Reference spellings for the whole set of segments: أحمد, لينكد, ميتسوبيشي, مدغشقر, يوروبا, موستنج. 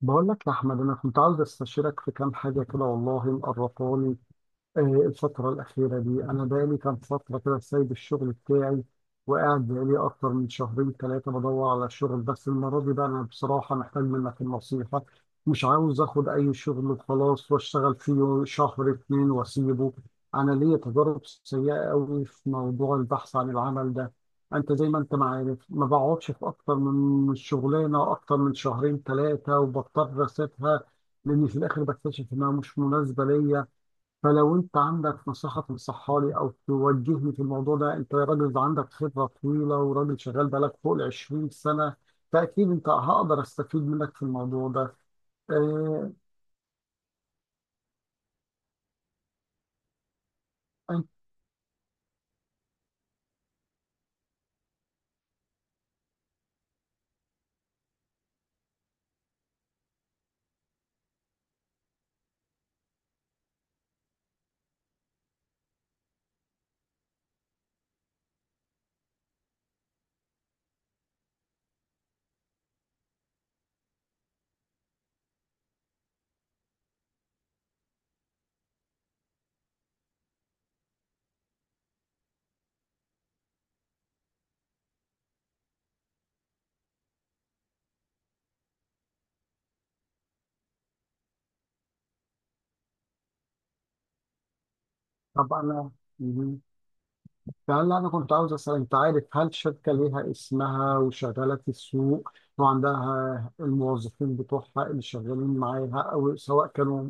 بقول لك يا أحمد، أنا كنت عاوز أستشيرك في كام حاجة كده والله مقرفاني. الفترة الأخيرة دي أنا بقالي كام فترة كده سايب الشغل بتاعي، وقاعد بقالي أكتر من شهرين ثلاثة بدور على شغل. بس المرة دي بقى أنا بصراحة محتاج منك النصيحة. مش عاوز آخد أي شغل وخلاص وأشتغل فيه شهر اتنين وأسيبه. أنا ليا تجارب سيئة أوي في موضوع البحث عن العمل ده. أنت زي ما أنت ما عارف، ما بقعدش في أكتر من شغلانة أكتر من شهرين ثلاثة وبضطر أسيبها، لأني في الآخر بكتشف إنها مش مناسبة ليا. فلو انت عندك نصيحة تنصحها لي او توجهني في الموضوع ده، انت راجل ده عندك خبرة طويلة وراجل شغال بقالك فوق ال 20 سنة، فاكيد انت هقدر استفيد منك في الموضوع ده. اه. انت. طب انا. مهم. فهلا انا كنت عاوز اسال، انت عارف هل شركة ليها اسمها وشغالة في السوق وعندها الموظفين بتوعها اللي شغالين معاها، او سواء كانوا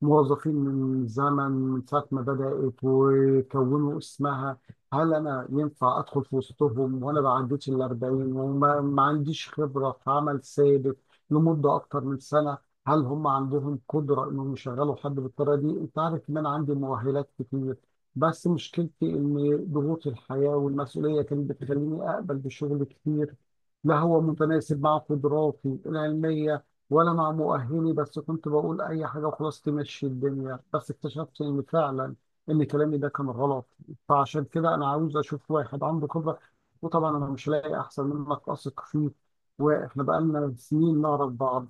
موظفين من زمن من ساعة ما بدأت وكونوا اسمها، هل أنا ينفع أدخل في وسطهم وأنا ما عديتش ال 40 وما ما عنديش خبرة في عمل ثابت لمدة أكتر من سنة؟ هل هم عندهم قدرة إنهم يشغلوا حد بالطريقة دي؟ أنت عارف إن أنا عندي مؤهلات كتير، بس مشكلتي إن ضغوط الحياة والمسؤولية كانت بتخليني أقبل بشغل كتير لا هو متناسب مع قدراتي العلمية ولا مع مؤهلي. بس كنت بقول اي حاجه وخلاص تمشي الدنيا، بس اكتشفت ان فعلا ان كلامي ده كان غلط. فعشان كده انا عاوز اشوف واحد عنده خبره، وطبعا انا مش لاقي احسن منك اثق فيه، واحنا بقالنا سنين نعرف بعض.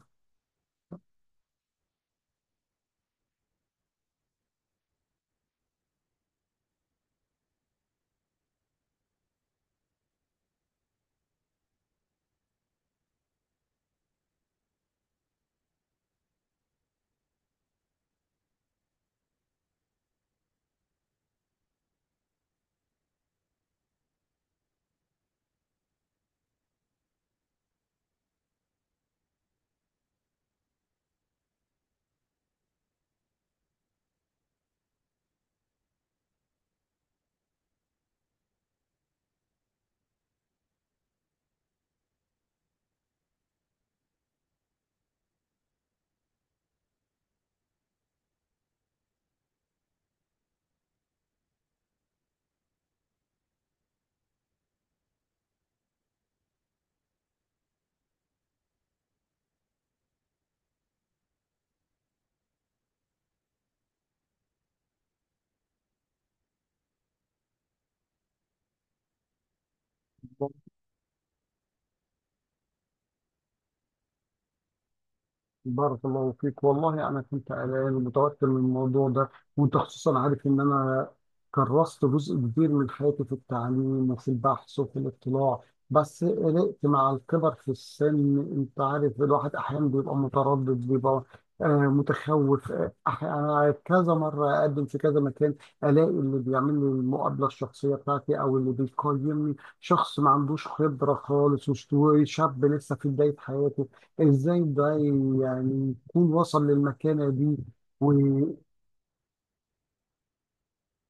بارك الله فيك، والله انا كنت قلقان ومتوتر من الموضوع ده. وانت خصوصا عارف ان انا كرست جزء كبير من حياتي في التعليم وفي البحث وفي الاطلاع. بس قلقت مع الكبر في السن، انت عارف الواحد احيانا بيبقى متردد، بيبقى متخوف. انا كذا مره اقدم في كذا مكان، الاقي اللي بيعمل لي المقابله الشخصيه بتاعتي او اللي بيقيمني شخص ما عندوش خبره خالص وشاب لسه في بدايه حياته. ازاي ده يعني يكون وصل للمكانة دي؟ ويعني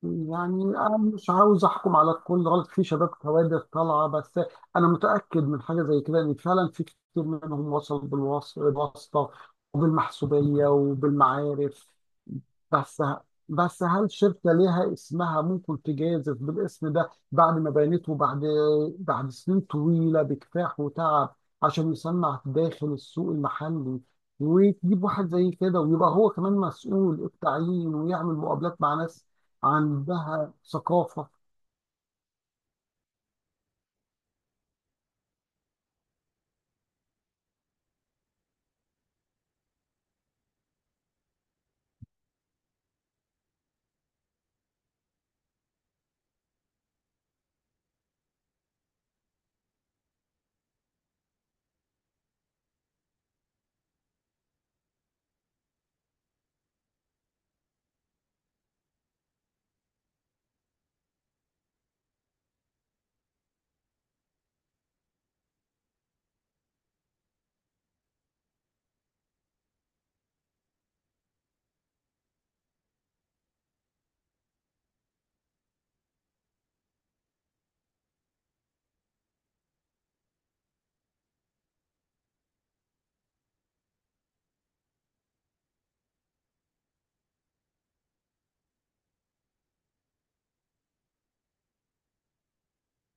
انا مش عاوز احكم على الكل غلط، في شباب كوادر طالعة، بس انا متأكد من حاجة زي كده ان فعلا في كتير منهم وصل بالواسطة وبالمحسوبية وبالمعارف. بس بس هل شركة ليها اسمها ممكن تجازف بالاسم ده بعد ما بنته، بعد سنين طويلة بكفاح وتعب عشان يصنع داخل السوق المحلي، وتجيب واحد زي كده ويبقى هو كمان مسؤول التعيين ويعمل مقابلات مع ناس عندها ثقافة؟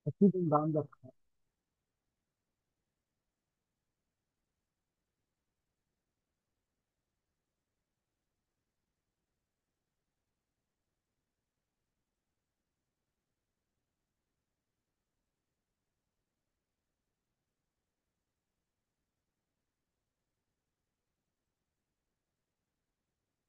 أكيد أنت عندك.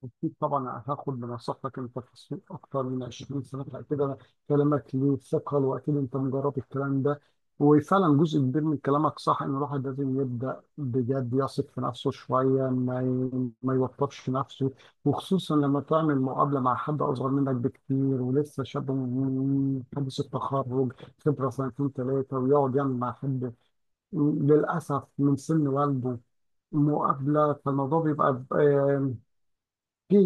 أكيد طبعا هاخد بنصيحتك، أنت في السوق أكتر من 20 سنة، فأكيد كلامك له ثقة وأكيد أنت مجرب الكلام ده. وفعلا جزء كبير من كلامك صح، إن الواحد لازم يبدأ بجد يثق في نفسه شوية، ما يوترش نفسه، وخصوصا لما تعمل مقابلة مع حد أصغر منك بكتير ولسه شاب من حديث التخرج، خبرة سنتين ثلاثة، ويقعد يعمل مع حد للأسف من سن والده مقابلة. فالموضوع بيبقى في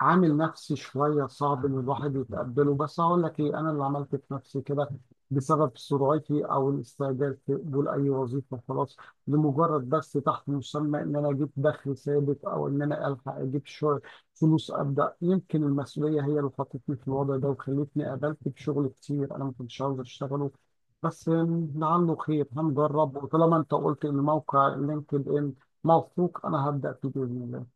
عامل نفسي شوية صعب إن الواحد يتقبله. بس هقول لك إيه، أنا اللي عملت في نفسي كده بسبب سرعتي أو الاستعجال في قبول أي وظيفة خلاص لمجرد بس تحت مسمى إن أنا أجيب دخل ثابت أو إن أنا ألحق أجيب شغل فلوس أبدأ. يمكن المسؤولية هي اللي حطتني في الوضع ده وخلتني قابلت بشغل كتير أنا ما كنتش عاوز أشتغله. بس لعله خير، هنجرب، وطالما أنت قلت إن موقع لينكد إن موثوق، أنا هبدأ فيه بإذن الله.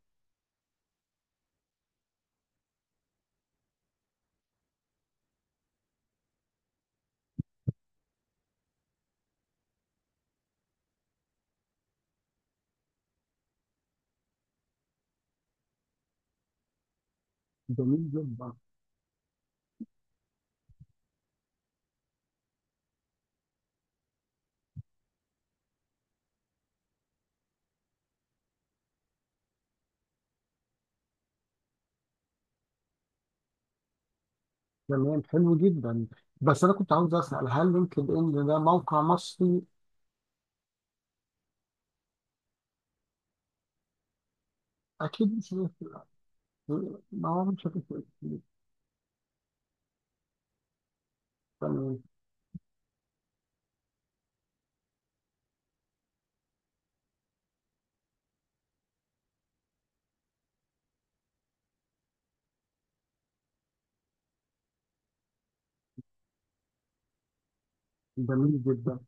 جميل جدا. تمام. حلو جدا. بس انا كنت عاوز اسال، هل لينكد ان ده موقع مصري؟ اكيد مش هيفرق كتير. ما هو مش هتفرق كتير. تمام. جميل جدا.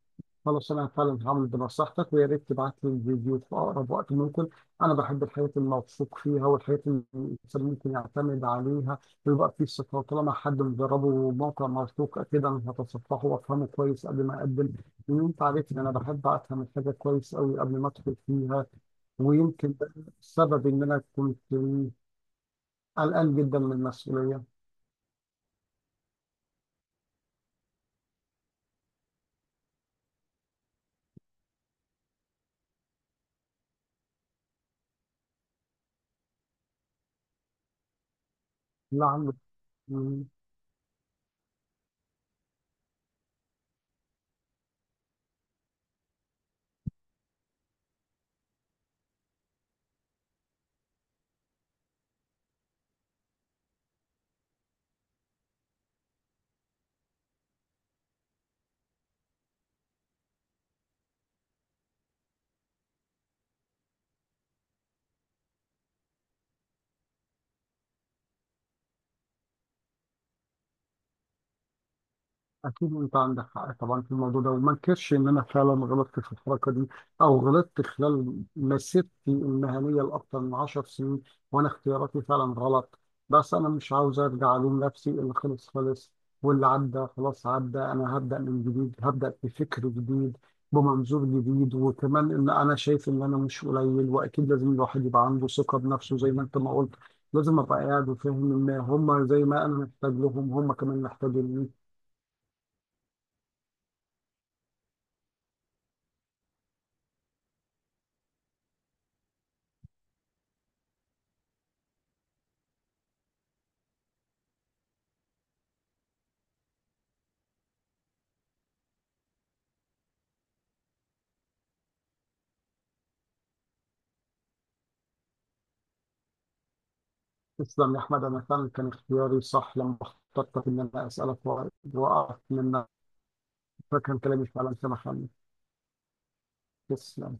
خلاص انا فعلا هعمل بنصيحتك، ويا ريت تبعت لي الفيديو في اقرب وقت ممكن. انا بحب الحياه الموثوق فيها والحياه اللي الانسان ممكن يعتمد عليها ويبقى فيه ثقه. طالما حد مجربه موقع موثوق، اكيد انا هتصفحه وافهمه كويس قبل ما اقدم، لان انت عارف ان انا بحب افهم الحاجه كويس قوي قبل ما ادخل فيها. ويمكن ده السبب إن أنا كنت قلقان جدا من المسؤولية. لا. عندي. أكيد أنت عندك حق طبعا في الموضوع ده، وما انكرش إن أنا فعلا غلطت في الحركة دي أو غلطت خلال مسيرتي المهنية لأكثر من 10 سنين وأنا اختياراتي فعلا غلط. بس أنا مش عاوز أرجع ألوم نفسي، اللي خلص خلص واللي عدى خلاص عدى. أنا هبدأ من جديد، هبدأ بفكر جديد بمنظور جديد، وكمان إن أنا شايف إن أنا مش قليل، وأكيد لازم الواحد يبقى عنده ثقة بنفسه زي ما أنت ما قلت. لازم أبقى قاعد وفاهم إن هم زي ما أنا محتاج لهم هم كمان محتاجين لي. تسلم يا أحمد، أنا كان اختياري صح لما اخترتك إن أنا أسألك وأقف منك، فكان كلامي فعلا سمح لي. تسلم.